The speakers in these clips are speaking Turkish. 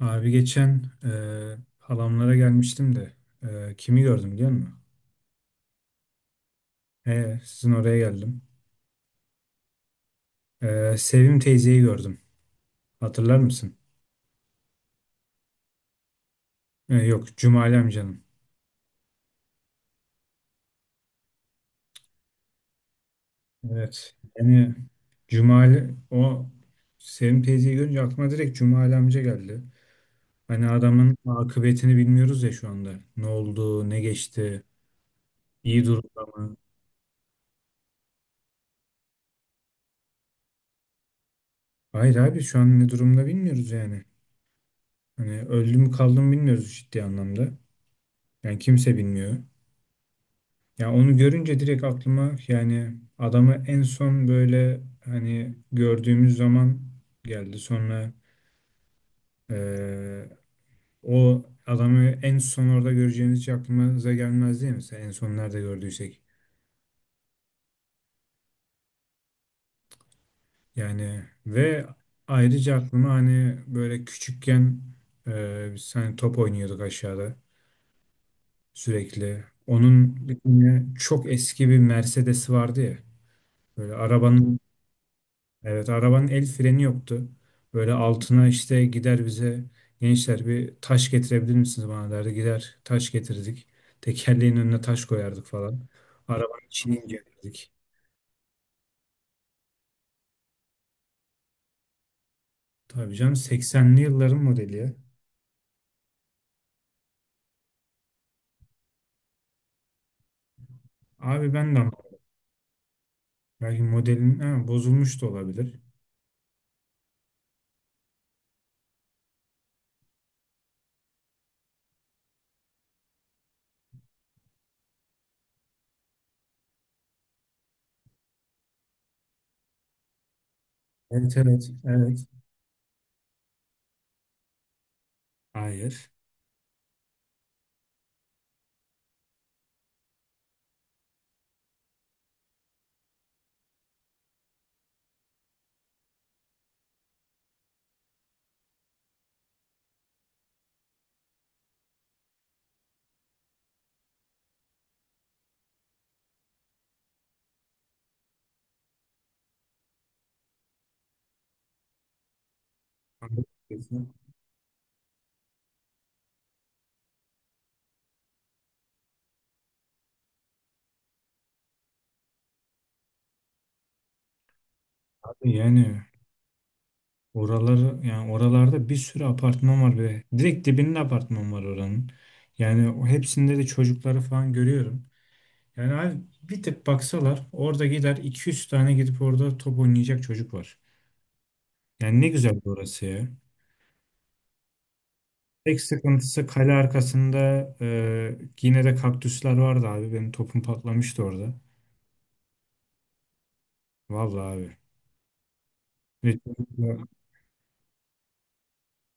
Abi geçen halamlara gelmiştim de kimi gördüm biliyor musun? Sizin oraya geldim. Sevim teyzeyi gördüm. Hatırlar mısın? Yok, Cumali amcanın. Evet. Yani Cumali, o Sevim teyzeyi görünce aklıma direkt Cumali amca geldi. Hani adamın akıbetini bilmiyoruz ya şu anda. Ne oldu, ne geçti, iyi durumda mı? Hayır abi, şu an ne durumda bilmiyoruz yani. Hani öldü mü kaldı mı bilmiyoruz ciddi anlamda. Yani kimse bilmiyor. Ya onu görünce direkt aklıma, yani adamı en son böyle hani gördüğümüz zaman geldi. Sonra eee, o adamı en son orada göreceğimiz hiç aklımıza gelmez değil mi? Mesela en son nerede gördüysek. Yani ve ayrıca aklıma hani böyle küçükken biz hani top oynuyorduk aşağıda sürekli. Onun bir tane çok eski bir Mercedes'i vardı ya. Böyle arabanın... Evet, arabanın el freni yoktu. Böyle altına işte gider, bize gençler bir taş getirebilir misiniz bana derdi. Gider taş getirdik. Tekerleğin önüne taş koyardık falan. Arabanın içini incelerdik. Tabii canım, 80'li yılların modeli ya. Abi ben de ama belki modelin ha, bozulmuş da olabilir. Evet, evet, evet. Hayır. Abi yani... Oraları, yani oralarda bir sürü apartman var ve direkt dibinde apartman var oranın. Yani o hepsinde de çocukları falan görüyorum. Yani abi, bir tık baksalar orada, gider 200 tane gidip orada top oynayacak çocuk var. Yani ne güzel orası ya. Tek sıkıntısı kale arkasında yine de kaktüsler vardı abi. Benim topum patlamıştı orada. Vallahi abi. Ve çocuklar-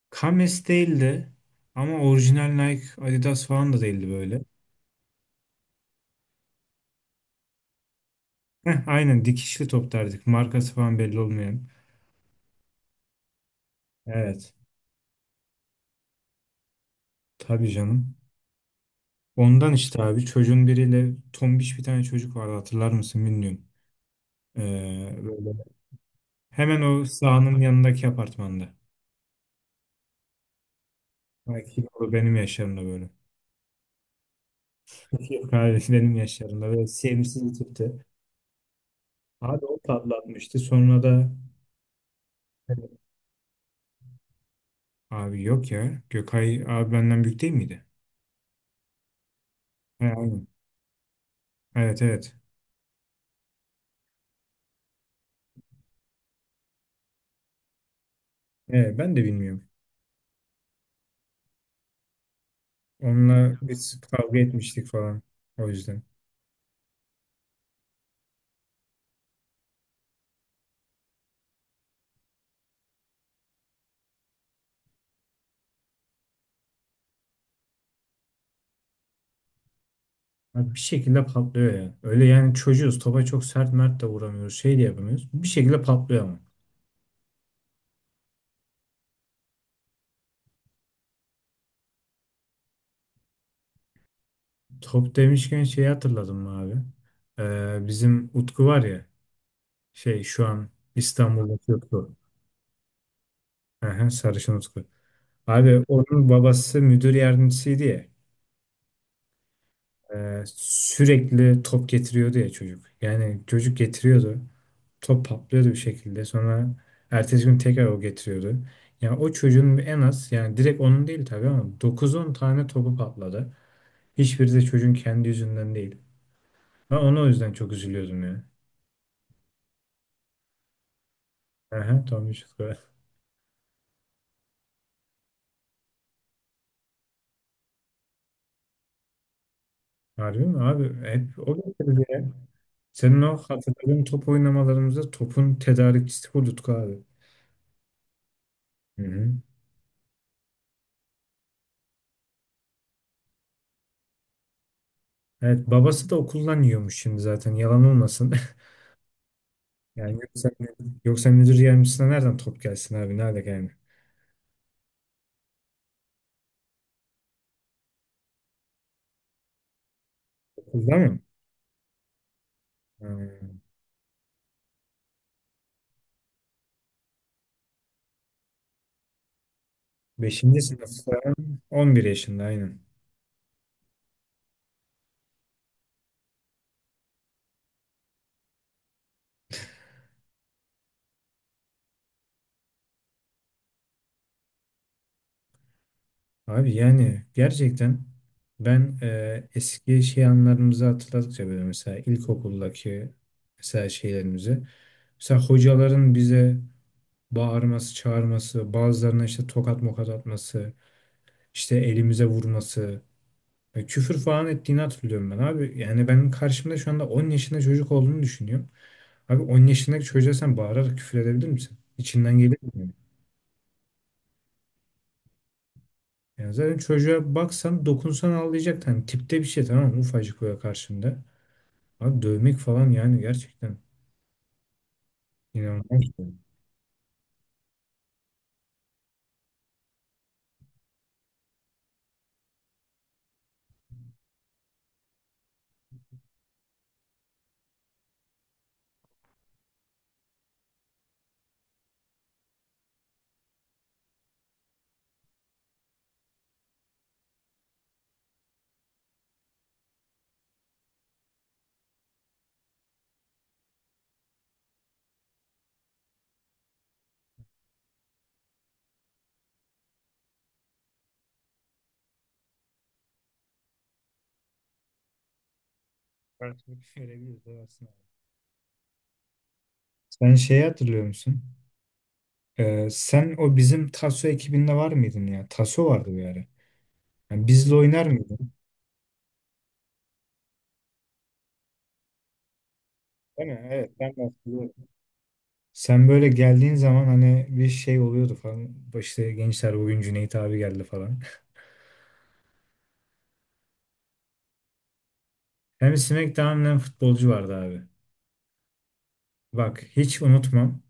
Kames değildi ama orijinal Nike Adidas falan da değildi böyle. Heh, aynen, dikişli top derdik. Markası falan belli olmayan. Evet. Tabii canım. Ondan işte abi, çocuğun biriyle, tombiş bir tane çocuk vardı, hatırlar mısın bilmiyorum. Böyle hemen o sahanın yanındaki apartmanda. Belki o benim yaşlarımda böyle. Yok abi, benim yaşlarımda böyle sevimsiz bir tipti. Abi o patlatmıştı. Sonra da abi yok ya. Gökay abi benden büyük değil miydi? He, aynen. Evet, evet. He, ben de bilmiyorum. Onunla biz kavga etmiştik falan. O yüzden. Abi bir şekilde patlıyor ya. Öyle yani, çocuğuz. Topa çok sert mert de vuramıyoruz. Şey de yapamıyoruz. Bir şekilde patlıyor ama. Top demişken şeyi hatırladım mı abi? Bizim Utku var ya. Şey, şu an İstanbul'daki Utku. Aha, sarışın Utku. Abi onun babası müdür yardımcısıydı ya. Sürekli top getiriyordu ya çocuk. Yani çocuk getiriyordu. Top patlıyordu bir şekilde. Sonra ertesi gün tekrar o getiriyordu. Yani o çocuğun en az, yani direkt onun değil tabii ama, dokuz on tane topu patladı. Hiçbiri de çocuğun kendi yüzünden değil. Ben ona o yüzden çok üzülüyordum ya. Aha, Tommy Şükrü. Harbi mi abi? Hep o getirdi ya. Senin o hatırladığın top oynamalarımızda topun tedarikçisi bu Utku abi. Hı hı. Evet, babası da okuldan yiyormuş şimdi zaten, yalan olmasın. Yani yoksa müdür yardımcısına nereden top gelsin abi? Nerede yani? Okulda mı? Hmm. Beşinci sınıfta 11 yaşında, aynen. Abi yani gerçekten ben eski şey, anılarımızı hatırladıkça böyle, mesela ilkokuldaki mesela şeylerimizi, mesela hocaların bize bağırması, çağırması, bazılarına işte tokat mokat atması, işte elimize vurması, küfür falan ettiğini hatırlıyorum ben abi. Yani benim karşımda şu anda 10 yaşında çocuk olduğunu düşünüyorum. Abi 10 yaşındaki çocuğa sen bağırarak küfür edebilir misin? İçinden gelir mi? Yani zaten çocuğa baksan dokunsan ağlayacak. Hani tipte bir şey, tamam mı? Ufacık böyle karşında. Abi dövmek falan yani, gerçekten inanılmaz. Farklılık görebiliriz, evet, aslında. Sen şeyi hatırlıyor musun? Sen o bizim Taso ekibinde var mıydın ya? Taso vardı bir ara. Yani bizle oynar mıydın? Değil mi? Evet, ben de hatırlıyorum. Sen böyle geldiğin zaman hani bir şey oluyordu falan. İşte gençler, bugün Cüneyt abi geldi falan. Hem SmackDown'dan futbolcu vardı abi. Bak hiç unutmam.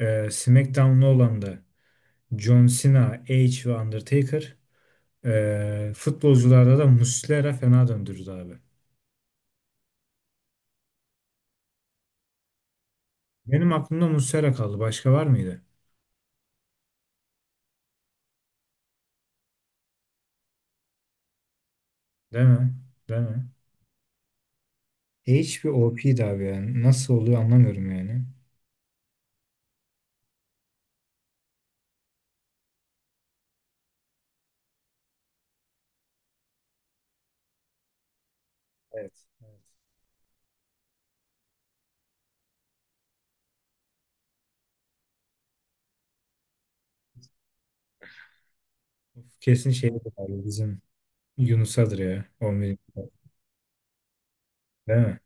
SmackDown'lu olan da John Cena, Edge ve Undertaker. Futbolcularda da Muslera fena döndürdü abi. Benim aklımda Muslera kaldı. Başka var mıydı? Değil mi? Değil mi? Edge bir OP'ydi abi yani. Nasıl oluyor anlamıyorum yani. Evet. Evet. Uf, kesin şeydir abi, bizim Yunus'adır ya. 11. Değil mi?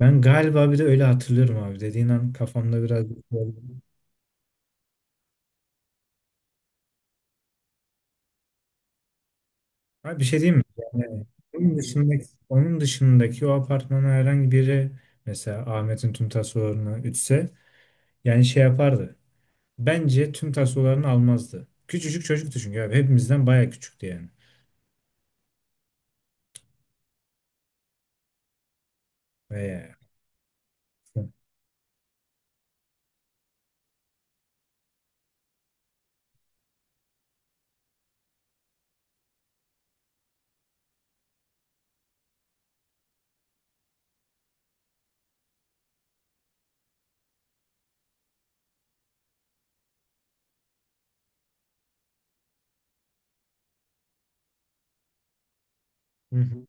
Ben galiba bir de öyle hatırlıyorum abi. Dediğin an kafamda biraz... Abi bir şey diyeyim mi? Yani onun dışındaki o apartmana herhangi biri, mesela Ahmet'in tüm tasolarını ütse, yani şey yapardı. Bence tüm tasolarını almazdı. Küçücük çocuktu çünkü abi. Hepimizden baya küçüktü yani. Ve... Hı hı.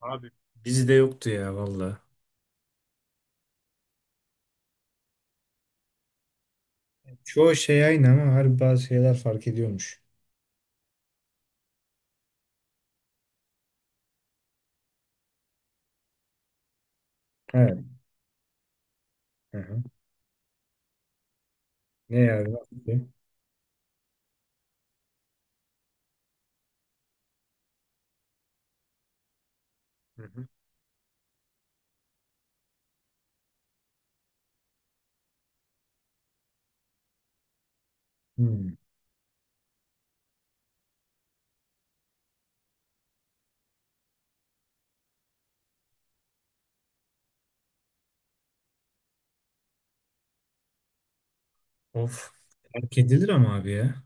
Abi bizde yoktu ya valla. Çoğu şey aynı ama harbi bazı şeyler fark ediyormuş. Evet. Hı hı. Ne yani? Hı hı. Hmm. Of. Fark edilir ama abi ya.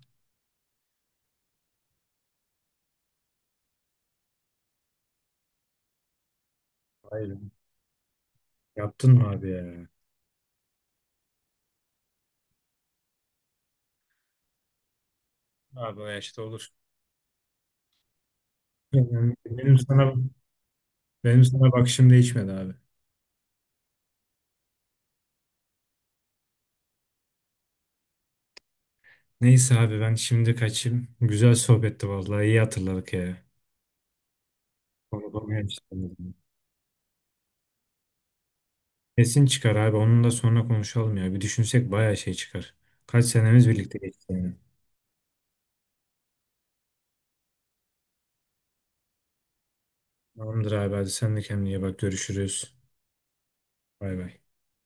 Hayır. Yaptın mı abi ya? Abi o yaşta olur. Yani benim sana bakışım değişmedi abi. Neyse abi, ben şimdi kaçayım. Güzel sohbetti vallahi, iyi hatırladık ya. Konu konuya açıldı. Kesin çıkar abi, onun da sonra konuşalım ya. Bir düşünsek bayağı şey çıkar. Kaç senemiz birlikte geçti yani. Tamamdır abi, hadi sen de kendine iyi bak, görüşürüz. Bay bay.